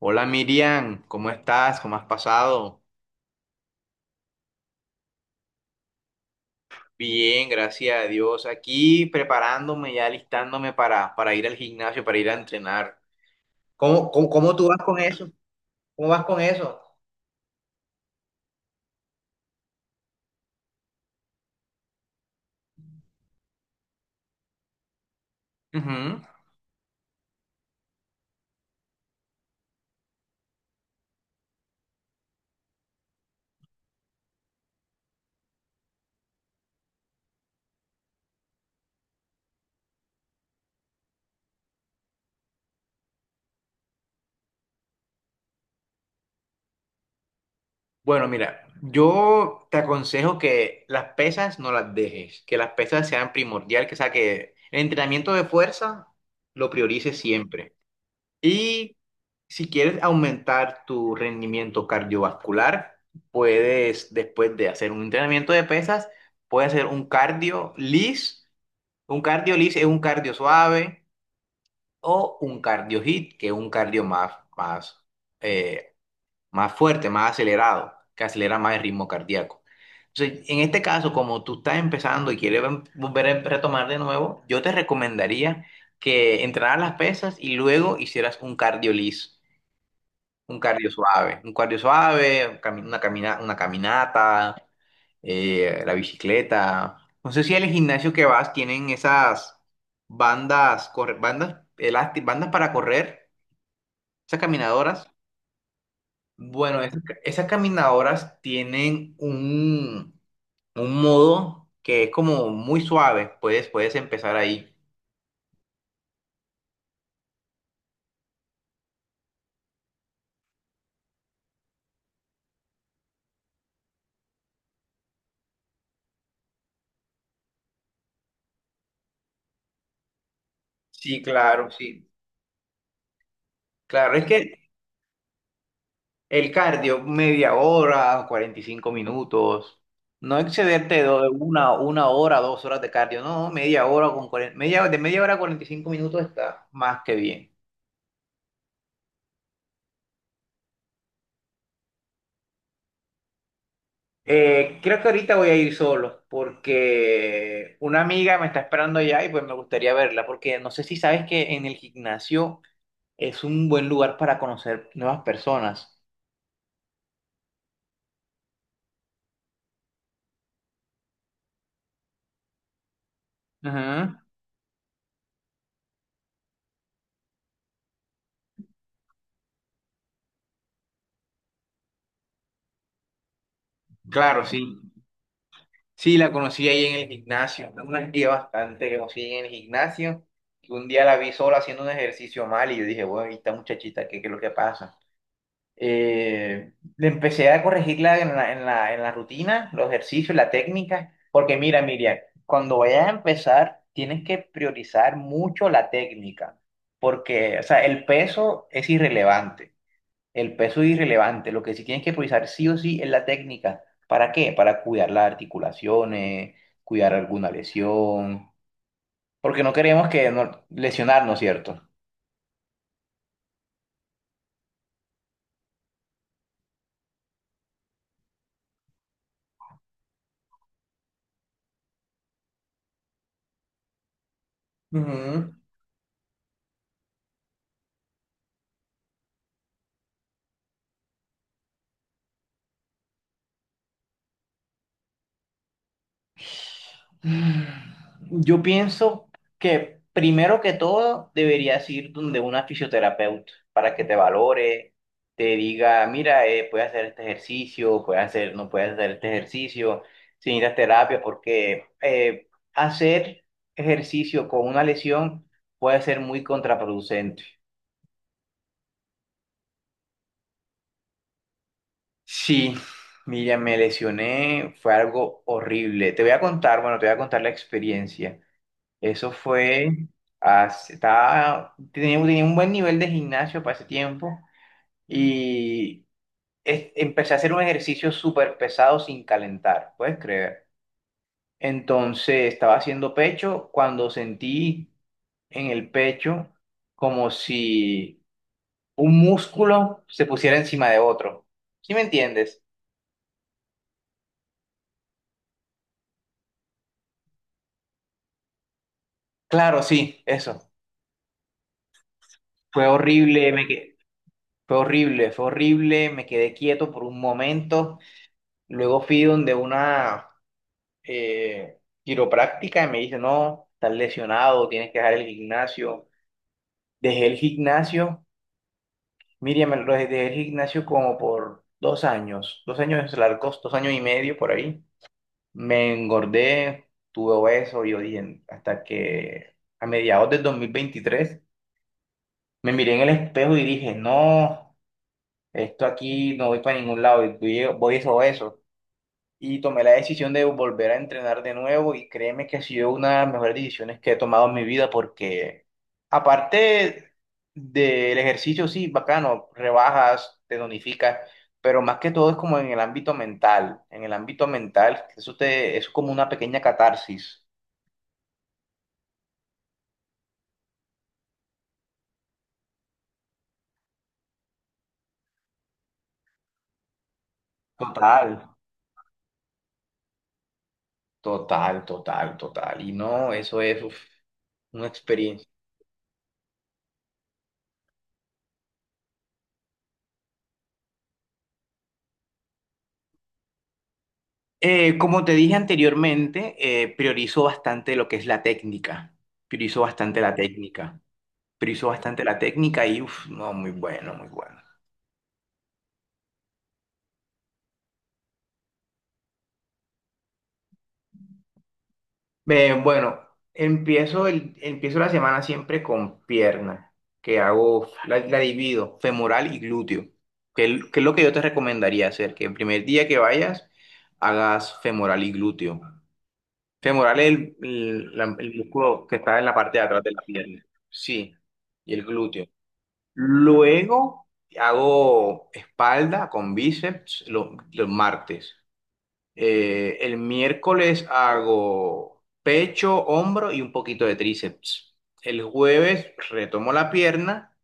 Hola Miriam, ¿cómo estás? ¿Cómo has pasado? Bien, gracias a Dios. Aquí preparándome, ya listándome para ir al gimnasio, para ir a entrenar. ¿Cómo tú vas con eso? ¿Cómo vas con eso? Ujú. Bueno, mira, yo te aconsejo que las pesas no las dejes, que las pesas sean primordial, que, o sea, que el entrenamiento de fuerza lo priorices siempre. Y si quieres aumentar tu rendimiento cardiovascular, puedes, después de hacer un entrenamiento de pesas, puedes hacer un cardio lis. Un cardio lis es un cardio suave o un cardio hit, que es un cardio eh, más fuerte, más acelerado, que acelera más el ritmo cardíaco. Entonces, en este caso, como tú estás empezando y quieres volver a retomar de nuevo, yo te recomendaría que entrenaras las pesas y luego hicieras un cardio lis. Un cardio suave, una una caminata, la bicicleta. No sé si al gimnasio que vas tienen esas bandas, bandas elásticas, bandas para correr, esas caminadoras. Bueno, esas, esas caminadoras tienen un modo que es como muy suave. Puedes empezar ahí. Sí, claro, sí. Claro, es que el cardio, media hora, 45 minutos. No excederte de una hora, dos horas de cardio. No, media hora con cuarenta media, de media hora a 45 minutos está más que bien. Creo que ahorita voy a ir solo porque una amiga me está esperando allá y pues me gustaría verla porque no sé si sabes que en el gimnasio es un buen lugar para conocer nuevas personas. Ujú. Claro, sí. Sí, la conocí ahí en el gimnasio, una tía bastante que conocí en el gimnasio, que un día la vi sola haciendo un ejercicio mal y yo dije, bueno, y esta muchachita, qué es lo que pasa? Le empecé a corregirla en la rutina, los ejercicios, la técnica, porque mira, Miriam, cuando vayas a empezar, tienes que priorizar mucho la técnica, porque, o sea, el peso es irrelevante. El peso es irrelevante, lo que sí tienes que priorizar sí o sí es la técnica. ¿Para qué? Para cuidar las articulaciones, cuidar alguna lesión, porque no queremos que no, lesionarnos, ¿cierto? Ujú. Yo pienso que primero que todo deberías ir donde una fisioterapeuta para que te valore, te diga, mira, puedes hacer este ejercicio, puedes hacer, no puedes hacer este ejercicio, si necesitas terapia, porque hacer ejercicio con una lesión puede ser muy contraproducente. Sí, mira, me lesioné, fue algo horrible. Te voy a contar, bueno, te voy a contar la experiencia. Eso fue, tenía un buen nivel de gimnasio para ese tiempo y empecé a hacer un ejercicio súper pesado sin calentar, puedes creer. Entonces estaba haciendo pecho cuando sentí en el pecho como si un músculo se pusiera encima de otro. ¿Sí me entiendes? Claro, sí, eso. Fue horrible, fue horrible, fue horrible, me quedé quieto por un momento. Luego fui donde una eh, quiropráctica y me dice, no, estás lesionado, tienes que dejar el gimnasio. Dejé el gimnasio, Miriam, me lo dejé el gimnasio como por dos años largos, dos años y medio por ahí. Me engordé, tuve obeso, y yo dije, hasta que a mediados del 2023 me miré en el espejo y dije, no, esto aquí no voy para ningún lado, voy, voy es obeso. Y tomé la decisión de volver a entrenar de nuevo y créeme que ha sido una de las mejores decisiones que he tomado en mi vida porque aparte del ejercicio, sí, bacano, rebajas, te tonificas, pero más que todo es como en el ámbito mental, en el ámbito mental, eso te, es como una pequeña catarsis. Total, total, total, total. Y no, eso es uf, una experiencia. Como te dije anteriormente, priorizo bastante lo que es la técnica. Priorizo bastante la técnica. Priorizo bastante la técnica y, uff, no, muy bueno, muy bueno. Bueno, empiezo la semana siempre con pierna, que hago, la divido, femoral y glúteo, que, que es lo que yo te recomendaría hacer, que el primer día que vayas, hagas femoral y glúteo. Femoral es el músculo que está en la parte de atrás de la pierna. Sí, y el glúteo. Luego hago espalda con bíceps los martes. El miércoles hago pecho, hombro y un poquito de tríceps. El jueves retomo la pierna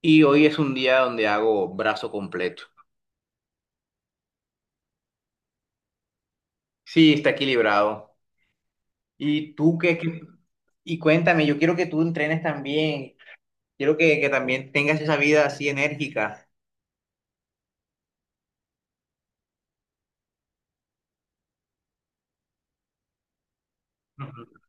y hoy es un día donde hago brazo completo. Sí, está equilibrado. ¿Y tú y cuéntame, yo quiero que tú entrenes también. Quiero que también tengas esa vida así enérgica? Ujú.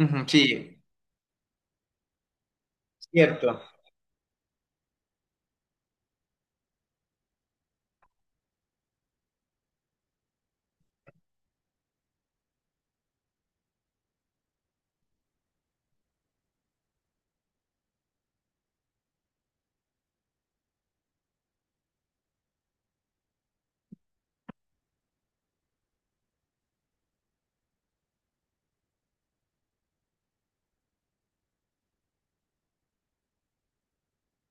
Ujú, sí, cierto.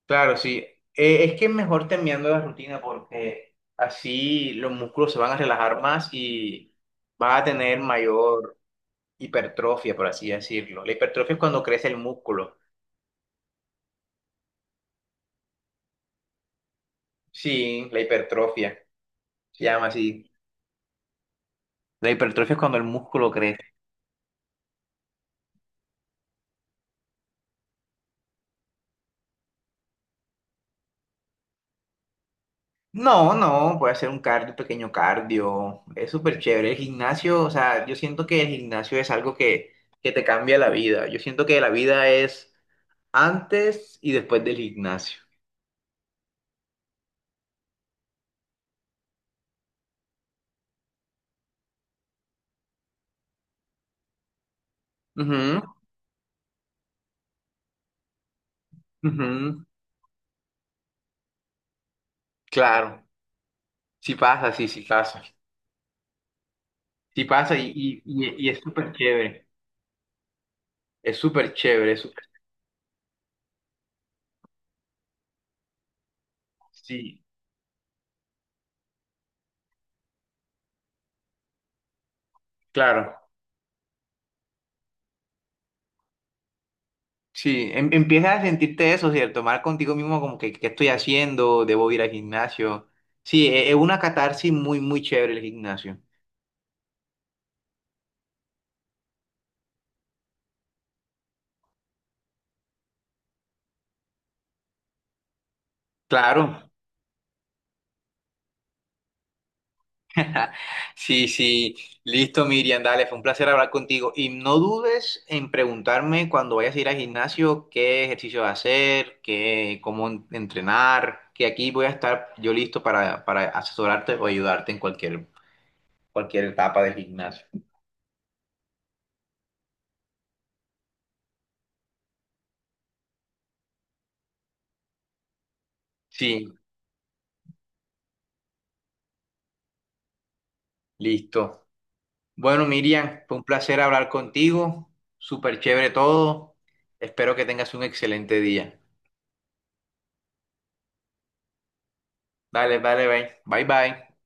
Claro, sí. Es que es mejor terminando la rutina porque así los músculos se van a relajar más y van a tener mayor hipertrofia, por así decirlo. La hipertrofia es cuando crece el músculo. Sí, la hipertrofia. Se llama así. La hipertrofia es cuando el músculo crece. No, no, puede hacer un cardio, pequeño cardio. Es súper chévere. El gimnasio, o sea, yo siento que el gimnasio es algo que te cambia la vida. Yo siento que la vida es antes y después del gimnasio. Ujú. Ujú, claro, sí pasa. Sí pasa y es súper chévere. Es súper chévere. Sí, claro. Sí, empiezas a sentirte eso, ¿cierto? Mal contigo mismo, como que, ¿qué estoy haciendo? ¿Debo ir al gimnasio? Sí, es una catarsis muy, muy chévere el gimnasio. Claro. Sí, sí, listo, Miriam, dale, fue un placer hablar contigo. Y no dudes en preguntarme cuando vayas a ir al gimnasio qué ejercicio hacer, qué, cómo entrenar, que aquí voy a estar yo listo para asesorarte o ayudarte en cualquier, cualquier etapa del gimnasio. Sí, listo. Bueno, Miriam, fue un placer hablar contigo, súper chévere todo. Espero que tengas un excelente día. Dale, dale, bye, bye, bye.